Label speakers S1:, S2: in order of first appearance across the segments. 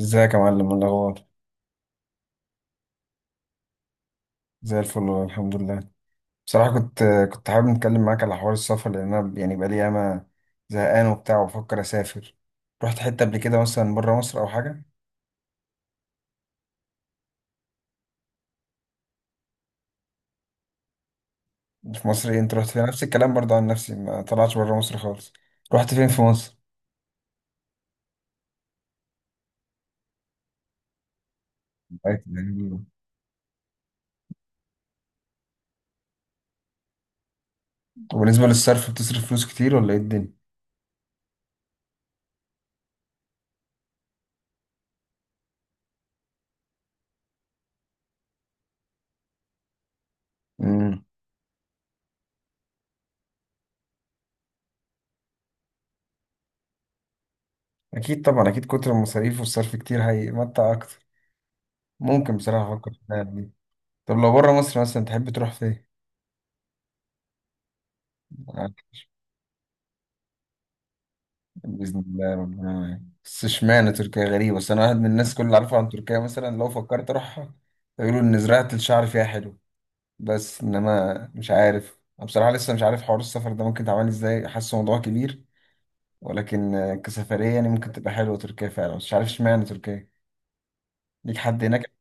S1: ازيك يا معلم؟ إيه الاخبار؟ زي الفل والله، الحمد لله. بصراحه كنت حابب نتكلم معاك على حوار السفر لان انا يعني بقالي ياما زهقان وبتاع وبفكر اسافر. رحت حته قبل كده مثلا بره مصر او حاجه؟ في مصر ايه؟ انت رحت فين؟ نفس الكلام برضه، عن نفسي ما طلعتش بره مصر خالص. رحت فين في مصر؟ بقيت يعني- وبالنسبه للصرف بتصرف فلوس كتير ولا ايه الدنيا؟ امم اكيد طبعا، اكيد كتر المصاريف والصرف كتير هيمتع اكتر. ممكن بصراحه افكر في الحاجات دي. طب لو بره مصر مثلا تحب تروح فين؟ بإذن الله ربنا معاك. بس اشمعنى تركيا؟ غريبة، بس أنا واحد من الناس كل اللي عارفها عن تركيا مثلا لو فكرت أروحها يقولوا إن زراعة الشعر فيها حلو. بس إنما مش عارف، أنا بصراحة لسه مش عارف حوار السفر ده ممكن تعمل إزاي، حاسه موضوع كبير. ولكن كسفرية يعني ممكن تبقى حلوة تركيا فعلا. بس مش عارف اشمعنى تركيا، ليك حد هناك؟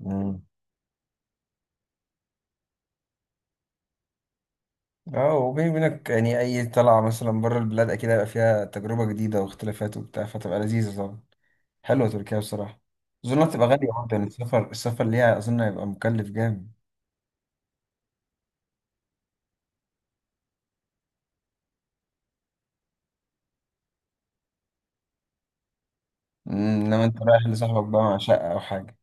S1: مم. اه، وبيني وبينك يعني أي طلعة مثلا بره البلاد أكيد هيبقى فيها تجربة جديدة واختلافات وبتاع، فتبقى لذيذة طبعا. حلوة تركيا بصراحة. أظن هتبقى غالية برضه، يعني السفر، السفر ليها أظن هيبقى مكلف جامد. أمم، إنما أنت رايح لصاحبك بقى مع شقة أو حاجة.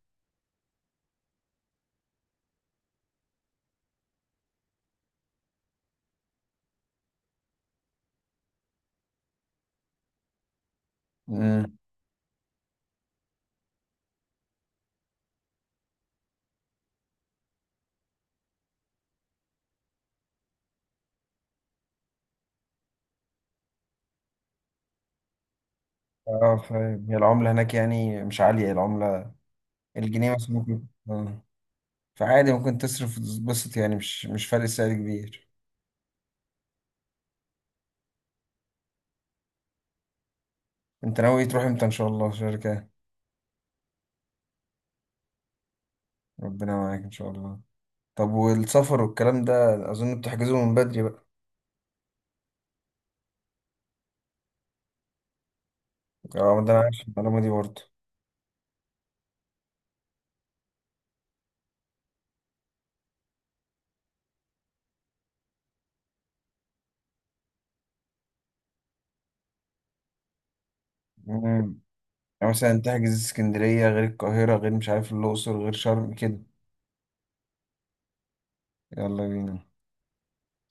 S1: أمم. أه، فاهم. هي العملة هناك يعني مش عالية العملة، الجنيه مثلا ممكن أه. فعادي ممكن تصرف وتتبسط، يعني مش فرق سعر كبير. أنت ناوي تروح إمتى إن شاء الله شركة؟ ربنا معاك إن شاء الله. طب والسفر والكلام ده أظن بتحجزه من بدري بقى. أه ده أنا عارف المعلومة دي. برضه، يعني مثلا تحجز اسكندرية غير القاهرة غير مش عارف الأقصر غير شرم كده. يلا بينا.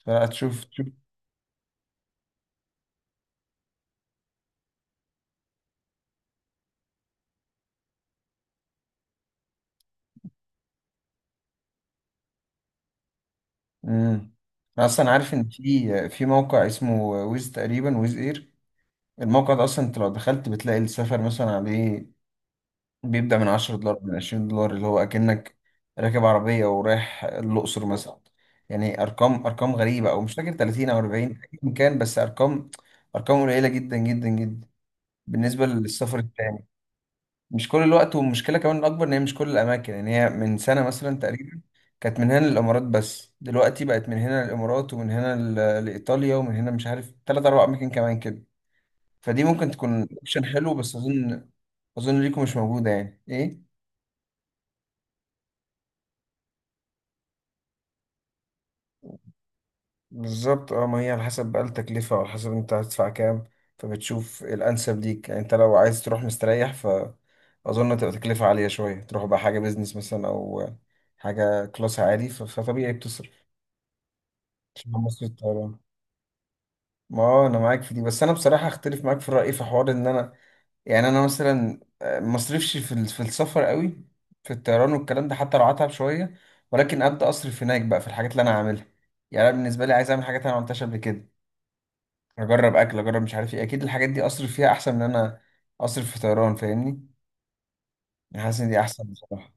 S1: فهتشوف تشوف. امم أنا أصلا عارف إن في موقع اسمه ويز تقريبا، ويز إير. الموقع ده أصلا أنت لو دخلت بتلاقي السفر مثلا عليه بيبدأ من 10 دولار، من 20 دولار، اللي هو أكنك راكب عربية ورايح الأقصر مثلا. يعني أرقام، أرقام غريبة أو مش فاكر، 30 أو 40 أيا كان، بس أرقام، أرقام قليلة جدا جدا جدا بالنسبة للسفر التاني. مش كل الوقت، والمشكلة كمان الأكبر إن هي مش كل الأماكن، يعني هي من سنة مثلا تقريبا كانت من هنا للإمارات بس دلوقتي بقت من هنا للإمارات ومن هنا لإيطاليا ومن هنا مش عارف تلات أربع أماكن كمان كده. فدي ممكن تكون أوبشن حلو، بس أظن ليكم مش موجودة يعني إيه؟ بالظبط اه، ما هي على حسب بقى التكلفة وعلى حسب انت هتدفع كام، فبتشوف الأنسب ليك. يعني انت لو عايز تروح مستريح فأظن تبقى تكلفة عالية شوية، تروح بقى حاجة بيزنس مثلا أو حاجة كلاس عالي، فطبيعي بتصرف. شبه مصر الطيران. ما هو انا معاك في دي، بس انا بصراحه اختلف معاك في الراي في حوار ان انا يعني انا مثلا ما اصرفش في في السفر قوي، في الطيران والكلام ده. حتى لو هتعب شويه، ولكن ابدا اصرف هناك بقى في الحاجات اللي انا عاملها. يعني انا بالنسبه لي عايز اعمل حاجات انا ما عملتهاش قبل كده، اجرب اكل، اجرب مش عارف ايه. اكيد الحاجات دي اصرف فيها احسن من ان انا اصرف في طيران، فاهمني؟ يعني حاسس ان دي احسن بصراحه.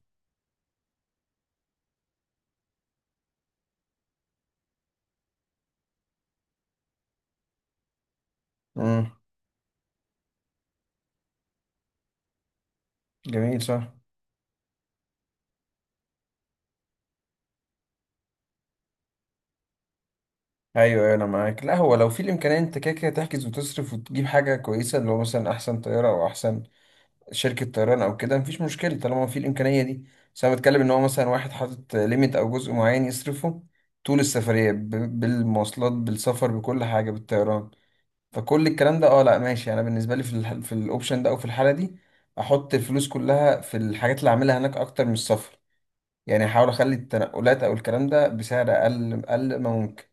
S1: امم جميل صح. ايوه أيوة، انا معاك. لا هو لو في الامكانيه انت كده كده تحجز وتصرف وتجيب حاجه كويسه، اللي هو مثلا احسن طياره او احسن شركة طيران أو كده، مفيش مشكلة طالما في الإمكانية دي. بس أنا بتكلم إن هو مثلا واحد حاطط ليميت أو جزء معين يصرفه طول السفرية بالمواصلات بالسفر بكل حاجة بالطيران، فكل الكلام ده أه لأ ماشي. أنا بالنسبة لي في في الأوبشن ده أو في الحالة دي أحط الفلوس كلها في الحاجات اللي أعملها هناك أكتر من السفر. يعني أحاول أخلي التنقلات أو الكلام ده بسعر أقل، أقل ما ممكن.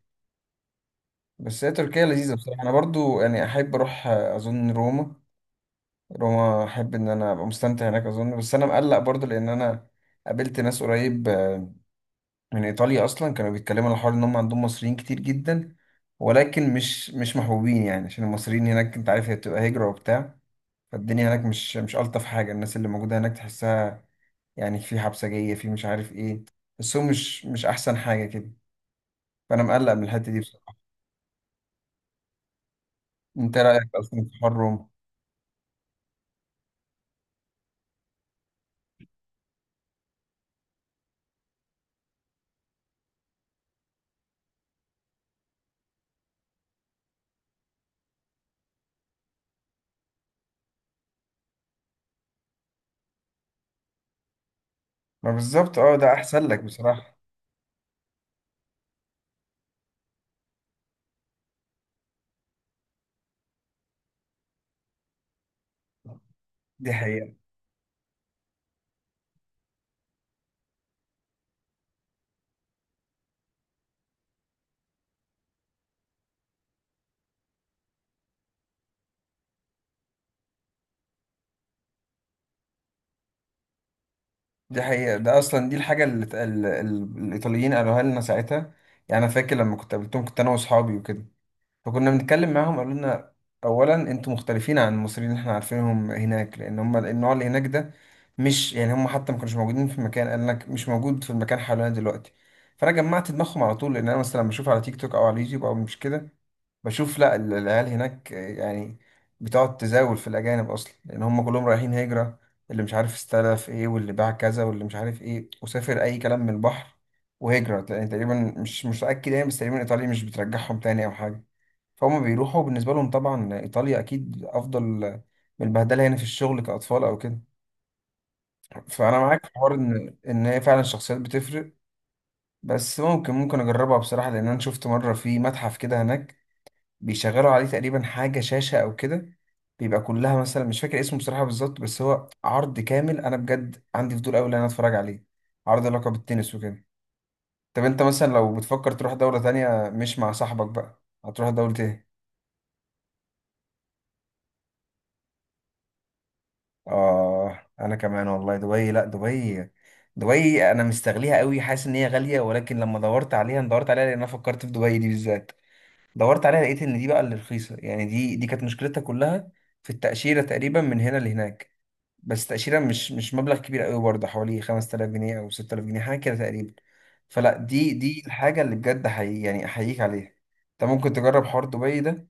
S1: بس هي تركيا لذيذة بصراحة. أنا برضو يعني أحب أروح أظن روما. روما احب ان انا ابقى مستمتع هناك اظن. بس انا مقلق برضه، لان انا قابلت ناس قريب من ايطاليا اصلا كانوا بيتكلموا على الحوار ان هم عندهم مصريين كتير جدا، ولكن مش محبوبين يعني، عشان المصريين هناك انت عارف هي بتبقى هجرة وبتاع. فالدنيا هناك مش الطف حاجة، الناس اللي موجودة هناك تحسها يعني في حبسجية، في مش عارف ايه. بس هو مش احسن حاجة كده. فانا مقلق من الحتة دي بصراحة. انت رأيك اصلا في حر روما؟ ما بالظبط اه، ده احسن لك بصراحة. دي حقيقة. دي حقيقة، ده أصلا دي الحاجة اللي الإيطاليين قالوها لنا ساعتها. يعني أنا فاكر لما كنت قابلتهم كنت أنا وأصحابي وكده، فكنا بنتكلم معاهم قالوا لنا أولا أنتوا مختلفين عن المصريين اللي إحنا عارفينهم هناك، لأن هم النوع اللي هناك ده مش يعني هم حتى ما كانوش موجودين في المكان، قال لك مش موجود في المكان حوالينا دلوقتي. فأنا جمعت دماغهم على طول، لأن أنا مثلا لما بشوف على تيك توك أو على اليوتيوب أو مش كده بشوف لا العيال هناك يعني بتقعد تزاول في الأجانب أصلا، لأن هم كلهم رايحين هجرة، اللي مش عارف استلف إيه، واللي باع كذا، واللي مش عارف إيه وسافر أي كلام من البحر. وهجرة لأن تقريبا مش متأكد يعني، بس تقريبا إيطاليا مش بترجعهم تاني أو حاجة. فهم بيروحوا، بالنسبة لهم طبعا إيطاليا أكيد أفضل من البهدلة هنا في الشغل كأطفال أو كده. فأنا معاك في حوار إن هي فعلا الشخصيات بتفرق. بس ممكن أجربها بصراحة، لأن أنا شفت مرة في متحف كده هناك بيشغلوا عليه تقريبا حاجة شاشة أو كده، بيبقى كلها مثلا مش فاكر اسمه بصراحة بالظبط، بس هو عرض كامل أنا بجد عندي فضول أوي إن أنا أتفرج عليه. عرض علاقة بالتنس وكده. طب أنت مثلا لو بتفكر تروح دولة تانية مش مع صاحبك بقى هتروح دولة إيه؟ آه أنا كمان والله دبي. لأ دبي، دبي أنا مستغليها أوي، حاسس إن هي غالية، ولكن لما دورت عليها أنا دورت عليها لأن أنا فكرت في دبي دي بالذات، دورت عليها لقيت إن دي بقى اللي رخيصة يعني. دي كانت مشكلتها كلها في التأشيرة تقريبا من هنا لهناك. بس تأشيرة مش مبلغ كبير قوي برضه، حوالي 5000 جنيه أو 6000 جنيه حاجة كده تقريبا. فلا دي الحاجة اللي بجد حقيقي يعني أحييك عليها. أنت ممكن تجرب حوار دبي ده،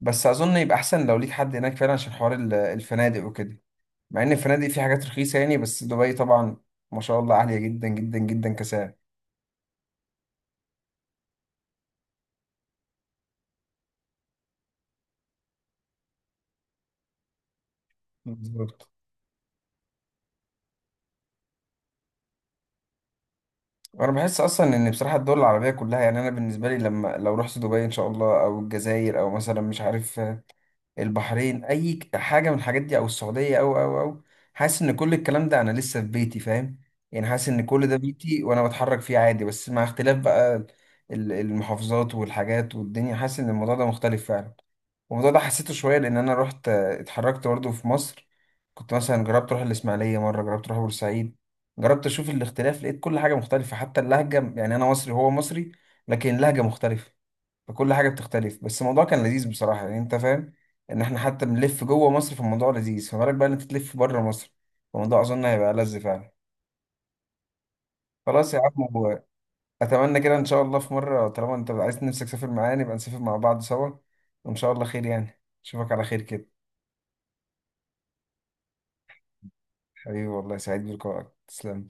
S1: بس أظن يبقى أحسن لو ليك حد هناك فعلا عشان حوار الفنادق وكده. مع إن الفنادق في حاجات رخيصة يعني، بس دبي طبعا ما شاء الله عالية جدا جدا جدا كسعر. بالظبط. وانا بحس اصلا ان بصراحه الدول العربيه كلها، يعني انا بالنسبه لي لما لو رحت دبي ان شاء الله او الجزائر او مثلا مش عارف البحرين اي حاجه من الحاجات دي او السعوديه او حاسس ان كل الكلام ده انا لسه في بيتي، فاهم؟ يعني حاسس ان كل ده بيتي وانا بتحرك فيه عادي، بس مع اختلاف بقى المحافظات والحاجات والدنيا. حاسس ان الموضوع ده مختلف فعلا. والموضوع ده حسيته شويه لان انا رحت اتحركت برضه في مصر، كنت مثلا جربت اروح الاسماعيليه مره، جربت اروح بورسعيد، جربت اشوف الاختلاف، لقيت كل حاجه مختلفه حتى اللهجه. يعني انا مصري هو مصري لكن اللهجه مختلفه، فكل حاجه بتختلف. بس الموضوع كان لذيذ بصراحه، يعني انت فاهم ان احنا حتى بنلف جوه مصر فالموضوع لذيذ، فما بالك بقى ان انت تلف بره مصر، فالموضوع اظن هيبقى لذ فعلا. خلاص يا عم اتمنى كده ان شاء الله في مره طالما انت عايز نفسك تسافر معايا نبقى نسافر مع بعض سوا. وان شاء الله خير، يعني اشوفك على خير كده. حبيبي والله سعيد بلقائك، تسلم.